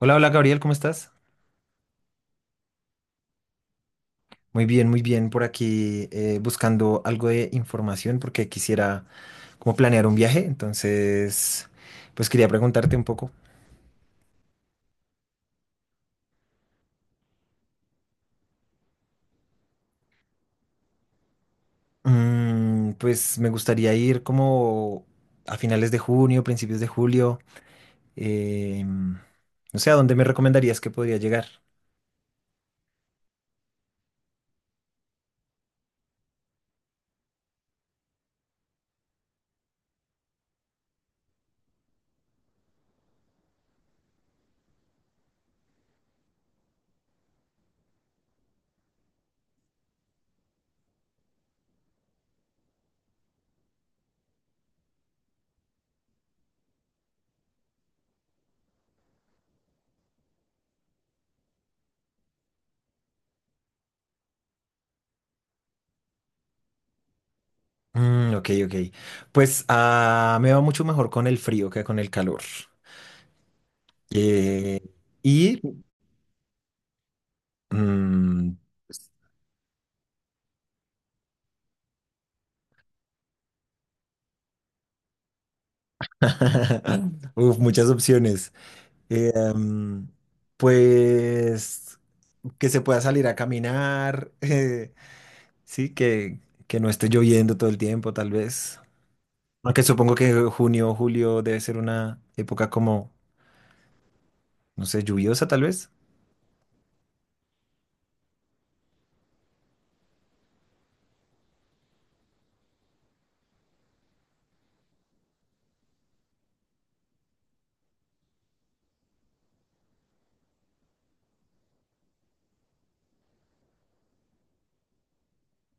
Hola, hola Gabriel, ¿cómo estás? Muy bien, muy bien. Por aquí buscando algo de información porque quisiera como planear un viaje. Entonces, pues quería preguntarte un poco. Pues me gustaría ir como a finales de junio, principios de julio. em, no sé, ¿a dónde me recomendarías que podría llegar? Mm, ok, ok. Pues me va mucho mejor con el frío que con el calor. Eh, y mm, Uf, muchas opciones. Eh, em, pues que se pueda salir a caminar, sí, que no esté lloviendo todo el tiempo, tal vez. Aunque supongo que junio o julio debe ser una época como, no sé, lluviosa, tal vez.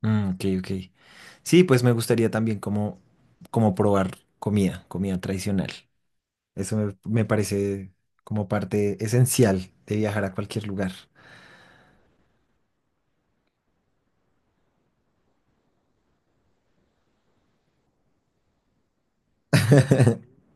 Mm, ok, ok. Sí, pues me gustaría también como, como probar comida, comida tradicional. Eso me parece como parte esencial de viajar a cualquier lugar.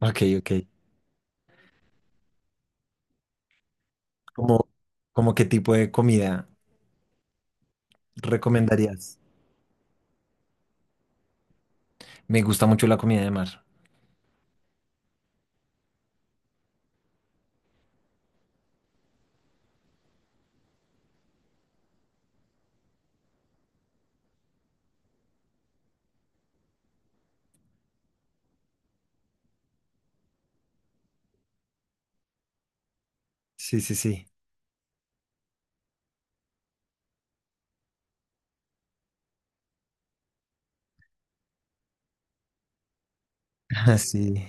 Ok, ok. Como como qué tipo de comida recomendarías? Me gusta mucho la comida de mar. Sí, sí, sí. Ah, sí.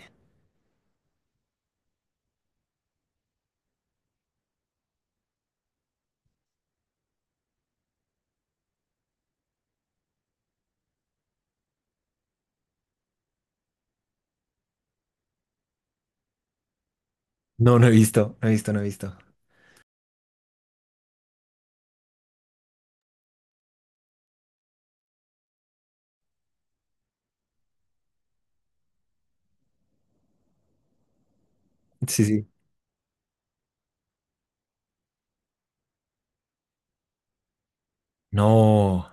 No, no he visto, no he visto, no he visto. Sí, sí. No.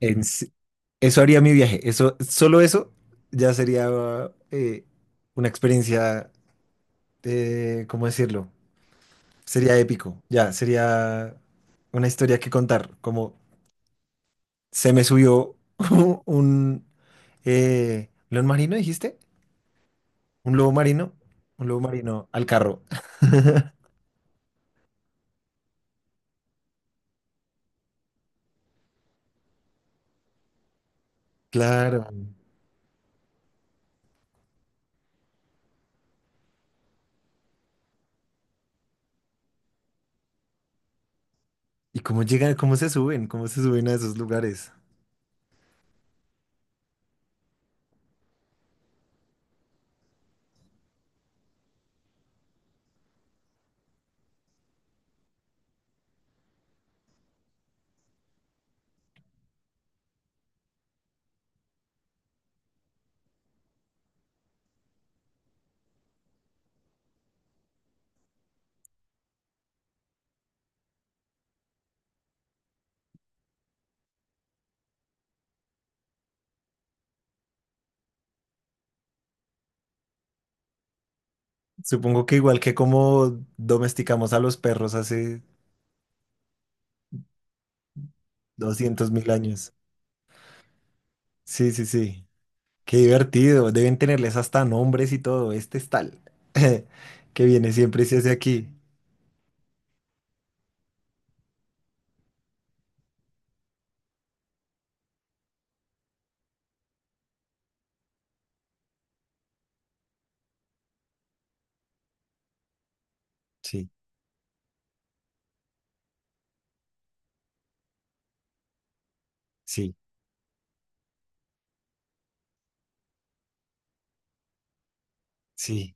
En se- eso haría mi viaje. Eso, solo eso ya sería eh, una experiencia, ¿cómo decirlo? Sería épico. Ya, sería una historia que contar. Como se me subió un león marino, dijiste. Un lobo marino, un lobo marino al carro. Claro. ¿Y cómo llegan, cómo se suben a esos lugares? Supongo que igual que como domesticamos a los perros hace 200.000 años. Sí, sí, sí. Qué divertido. Deben tenerles hasta nombres y todo. Este es tal. Que viene siempre y se hace aquí. Sí, sí, sí,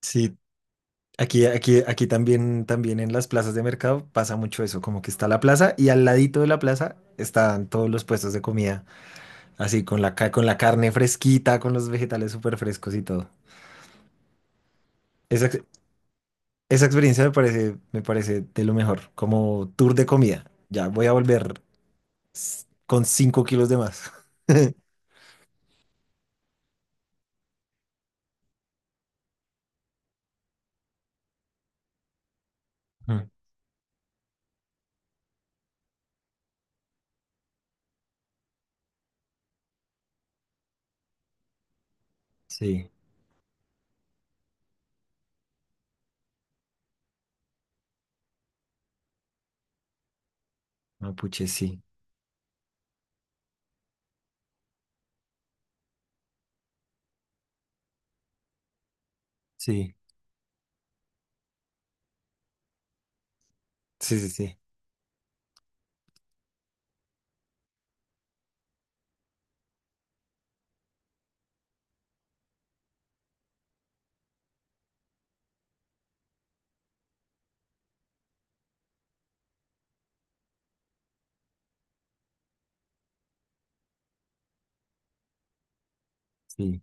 sí. Aquí, aquí, aquí también, también en las plazas de mercado pasa mucho eso, como que está la plaza y al ladito de la plaza están todos los puestos de comida. Así, con la carne fresquita, con los vegetales súper frescos y todo. Esa, ex- esa experiencia me parece de lo mejor, como tour de comida. Ya voy a volver con 5 kilos de más. Mm, sí, mapuche, sí, sí, sí, sí, sí, sí,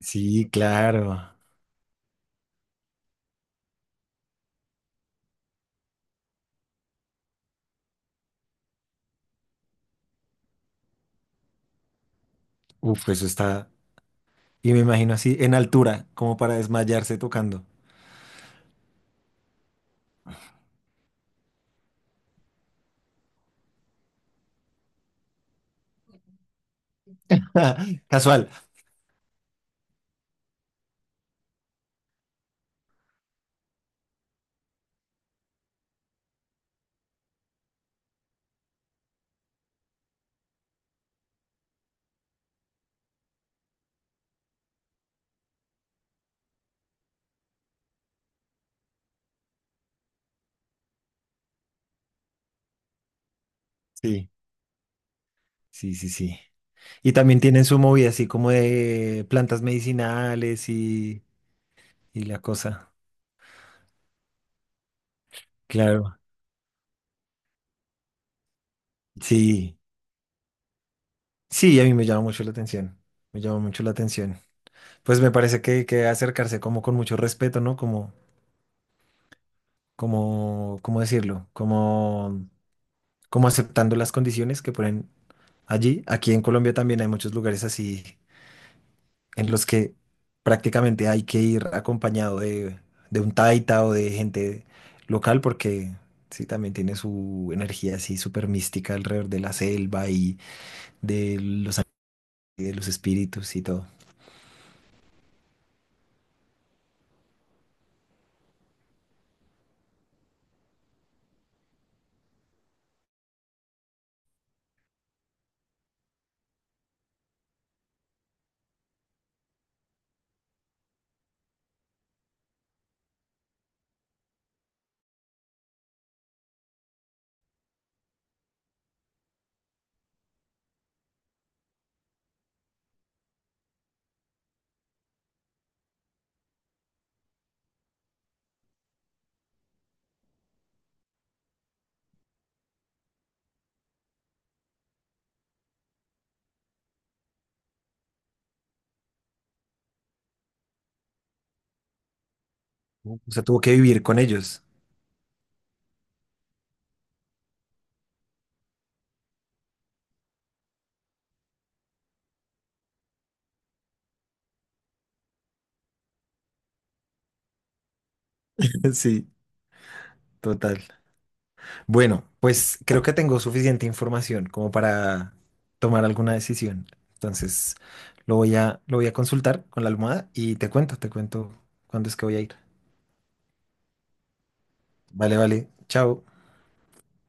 sí, claro. Uf, eso está, y me imagino así en altura, como para desmayarse tocando. Casual. Sí, sí, sí, sí. Y también tienen su movida así como de plantas medicinales y la cosa. Claro. Sí, sí, a mí me llama mucho la atención. Me llama mucho la atención. Pues me parece que acercarse como con mucho respeto, ¿no? Como, como, ¿cómo decirlo? Como, como aceptando las condiciones que ponen allí. Aquí en Colombia también hay muchos lugares así en los que prácticamente hay que ir acompañado de un taita o de gente local porque sí, también tiene su energía así súper mística alrededor de la selva y de los, ani- de los espíritus y todo. O sea, tuvo que vivir con ellos. Sí, total. Bueno, pues creo que tengo suficiente información como para tomar alguna decisión. Entonces, lo voy a consultar con la almohada y te cuento cuándo es que voy a ir. Vale, vale. Chao.